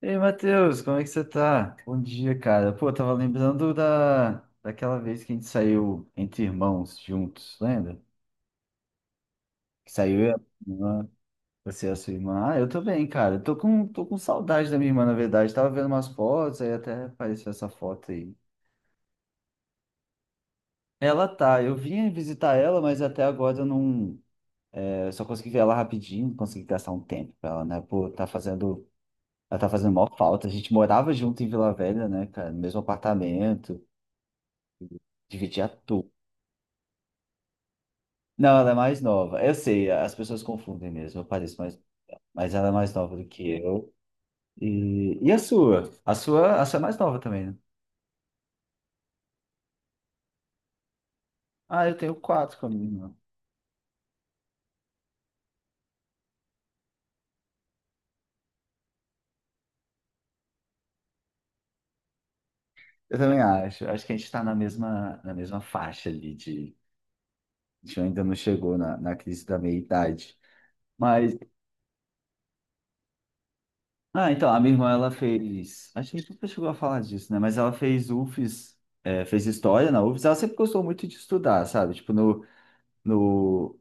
Ei, Matheus, como é que você tá? Bom dia, cara. Pô, eu tava lembrando daquela vez que a gente saiu entre irmãos juntos, lembra? Que saiu eu, a minha irmã, você e a sua irmã. Ah, eu tô bem, cara. Tô com saudade da minha irmã, na verdade. Tava vendo umas fotos, aí até apareceu essa foto aí. Ela tá, eu vim visitar ela, mas até agora eu não. é, Eu só consegui ver ela rapidinho, não consegui gastar um tempo com ela, né? Pô, tá fazendo. Ela tá fazendo maior falta. A gente morava junto em Vila Velha, né, cara? No mesmo apartamento, dividia tudo. Não, ela é mais nova. Eu sei, as pessoas confundem mesmo, eu pareço mais, mas ela é mais nova do que eu. E a sua? A sua é mais nova também, né? Ah, eu tenho 4 com a minha irmã. Eu também acho. Acho que a gente está na mesma faixa ali de. A gente ainda não chegou na crise da meia-idade. Mas. Ah, então, a minha irmã, ela fez. Acho que a gente nunca chegou a falar disso, né? Mas ela fez UFES, fez história na UFES. Ela sempre gostou muito de estudar, sabe? Tipo, no, no,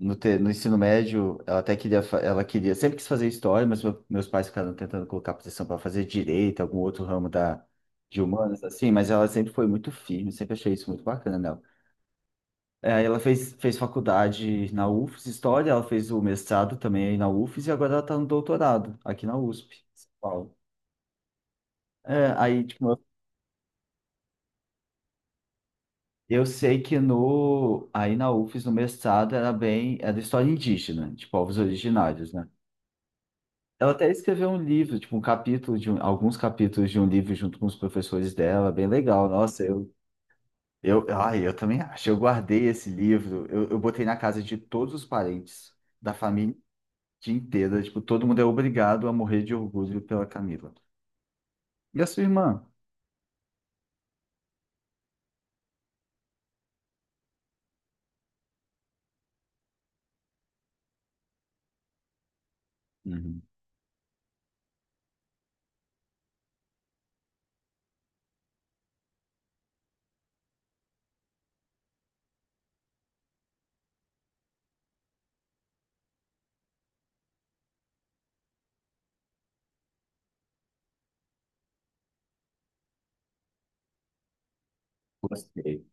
No, te- no ensino médio, ela até queria, fa- ela queria, sempre quis fazer história, mas meus pais ficaram tentando colocar posição para fazer direito, algum outro ramo da, de humanas, assim, mas ela sempre foi muito firme, sempre achei isso muito bacana nela. É, aí ela fez, fez faculdade na UFES, história, ela fez o mestrado também aí na UFES e agora ela está no doutorado aqui na USP, em São Paulo. É, aí, tipo, eu sei que aí na UFES, no mestrado, era história indígena, de povos originários, né? Ela até escreveu um livro, tipo, alguns capítulos de um livro junto com os professores dela, bem legal. Nossa, eu também acho. Eu guardei esse livro, eu botei na casa de todos os parentes da família inteira. Tipo, todo mundo é obrigado a morrer de orgulho pela Camila. E a sua irmã? Uhum. Gostei.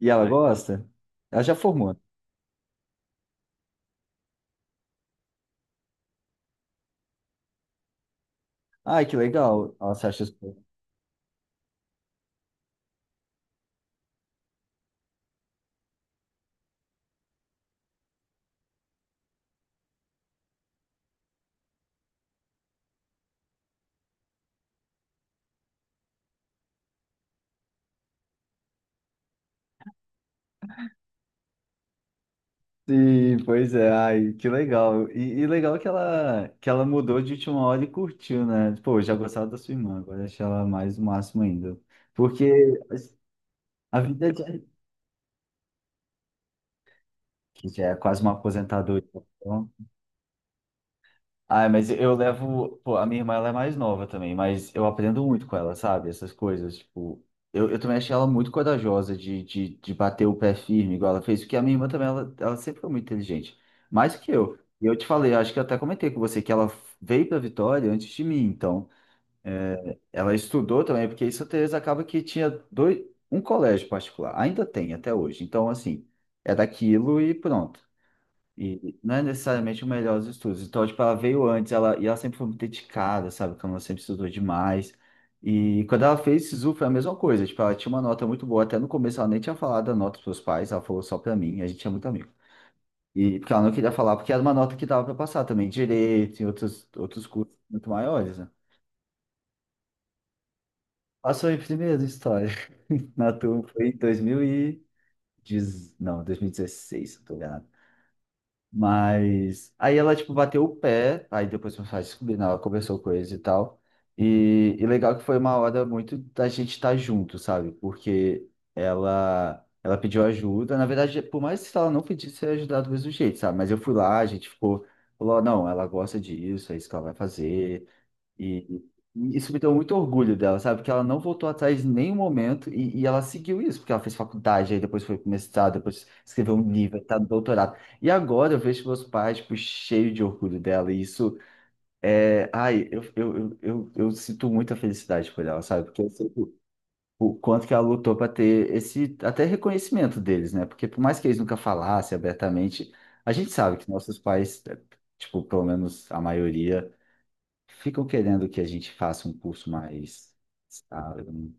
E ela gosta? Ela já formou, né? Ai, que legal. Ela se acha. Sim, pois é, ai, que legal. E legal que ela mudou de última hora e curtiu, né? Pô, eu já gostava da sua irmã, agora achei ela mais o máximo ainda. Porque a vida já é quase uma aposentadoria. Então, ah, mas eu levo. Pô, a minha irmã ela é mais nova também, mas eu aprendo muito com ela, sabe? Essas coisas. Tipo, eu também achei ela muito corajosa de bater o pé firme, igual ela fez, porque a minha irmã também, ela sempre foi muito inteligente, mais que eu. E eu te falei, acho que eu até comentei com você que ela veio para Vitória antes de mim, então é, ela estudou também, porque em Santa Teresa acaba que tinha dois, um colégio particular, ainda tem até hoje. Então, assim, é daquilo e pronto. E não é necessariamente o melhor dos estudos. Então, tipo, ela veio antes, ela, e ela sempre foi muito dedicada, sabe? Como ela sempre estudou demais. E quando ela fez SISU, foi a mesma coisa. Tipo, ela tinha uma nota muito boa. Até no começo, ela nem tinha falado a nota pros pais, ela falou só pra mim. A gente é muito amigo. E porque ela não queria falar, porque era uma nota que dava pra passar também, direito e outros, outros cursos muito maiores, né? Passou em primeiro em história na turma, foi em 2000 e... dez- Não, 2016, se eu tô enganado. Mas aí ela, tipo, bateu o pé, aí depois meus pais descobriram, ela conversou com eles e tal. E legal que foi uma hora muito da gente estar junto, sabe? Porque ela pediu ajuda. Na verdade, por mais que ela não pedisse eu ia ajudar do mesmo jeito, sabe? Mas eu fui lá, a gente ficou, falou, não, ela gosta disso, é isso que ela vai fazer. E e isso me deu muito orgulho dela, sabe? Porque ela não voltou atrás em nenhum momento e ela seguiu isso, porque ela fez faculdade, aí depois foi pro mestrado, depois escreveu um livro, tá no doutorado. E agora eu vejo meus pais, tipo, cheios de orgulho dela. E isso é. Ai, eu sinto muita felicidade por ela, sabe? Porque eu sei o quanto que ela lutou para ter esse até reconhecimento deles, né? Porque por mais que eles nunca falassem abertamente, a gente sabe que nossos pais, é, tipo, pelo menos a maioria ficam querendo que a gente faça um curso mais estável.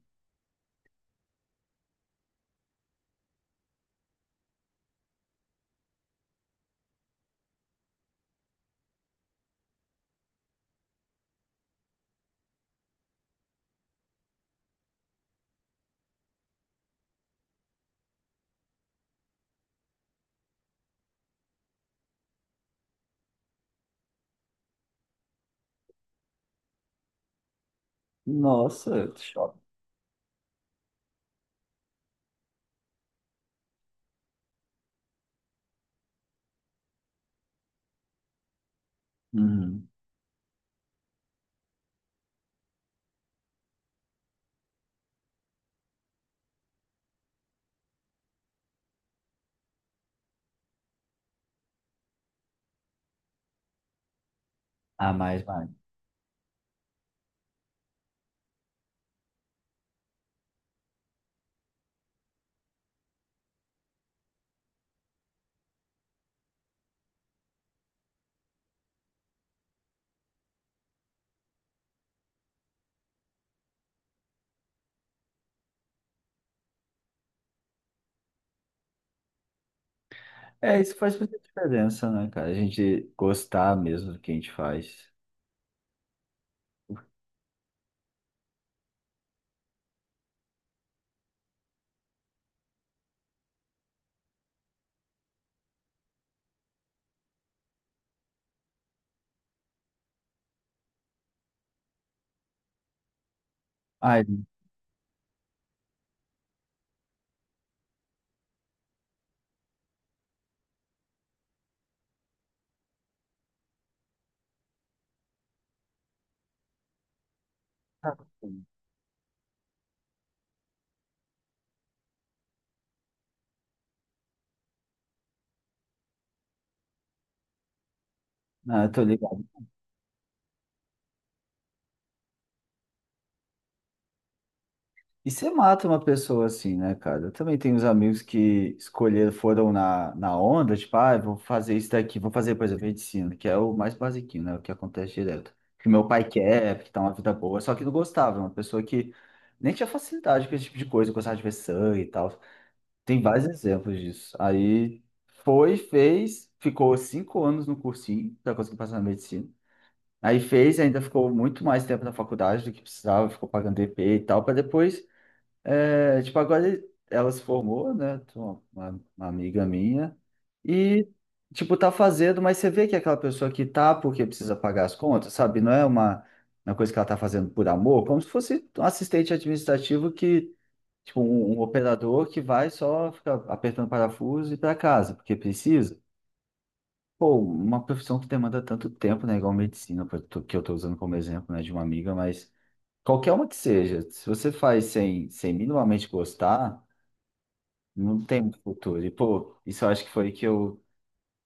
Nossa, choque. Uhum. Ah, mais, mais. É, isso faz muita diferença, né, cara? A gente gostar mesmo do que a gente faz. Ai, tá bom. Ah, eu tô ligado. E você mata uma pessoa assim, né, cara? Eu também tenho uns amigos que escolheram, foram na onda, tipo, ah, eu vou fazer isso daqui, vou fazer, por exemplo, medicina, que é o mais basiquinho, né? O que acontece direto. Que meu pai quer, que tá uma vida boa, só que não gostava, uma pessoa que nem tinha facilidade com esse tipo de coisa, gostava de ver sangue e tal. Tem vários exemplos disso. Aí foi, fez, ficou 5 anos no cursinho pra conseguir passar na medicina. Aí fez, ainda ficou muito mais tempo na faculdade do que precisava, ficou pagando DP e tal, para depois. É, tipo, agora ela se formou, né? Tem uma amiga minha. E, tipo, tá fazendo, mas você vê que é aquela pessoa que tá porque precisa pagar as contas, sabe? Não é uma coisa que ela tá fazendo por amor, como se fosse um assistente administrativo que, tipo, um operador que vai só ficar apertando parafuso e ir pra casa, porque precisa. Pô, uma profissão que demanda tanto tempo, né? Igual medicina, que eu tô usando como exemplo, né? De uma amiga, mas qualquer uma que seja, se você faz sem minimamente gostar. Não tem futuro. E, pô, isso eu acho que foi que eu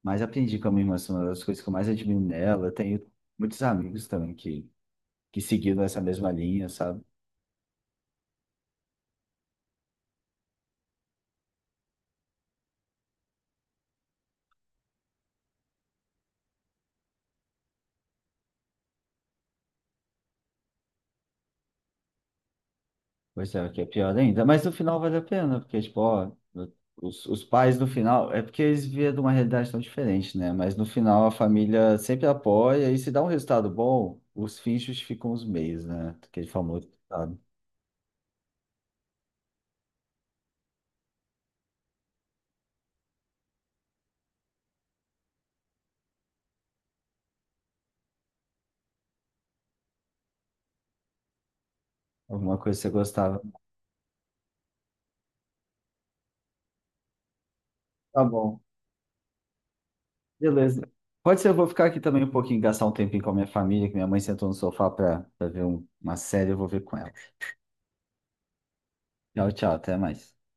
mais aprendi com a minha irmã, assim, uma das coisas que eu mais admiro nela. Eu tenho muitos amigos também que seguiram essa mesma linha, sabe? Pois é, o que é pior ainda. Mas no final vale a pena, porque, tipo, ó, os pais no final, é porque eles vieram de uma realidade tão diferente, né? Mas no final a família sempre apoia e se dá um resultado bom, os fins justificam os meios, né? Aquele famoso, sabe? Alguma coisa que você gostava. Tá bom. Beleza. Pode ser, eu vou ficar aqui também um pouquinho, gastar um tempinho com a minha família, que minha mãe sentou no sofá para ver uma série, eu vou ver com ela. Tchau, tchau, até mais.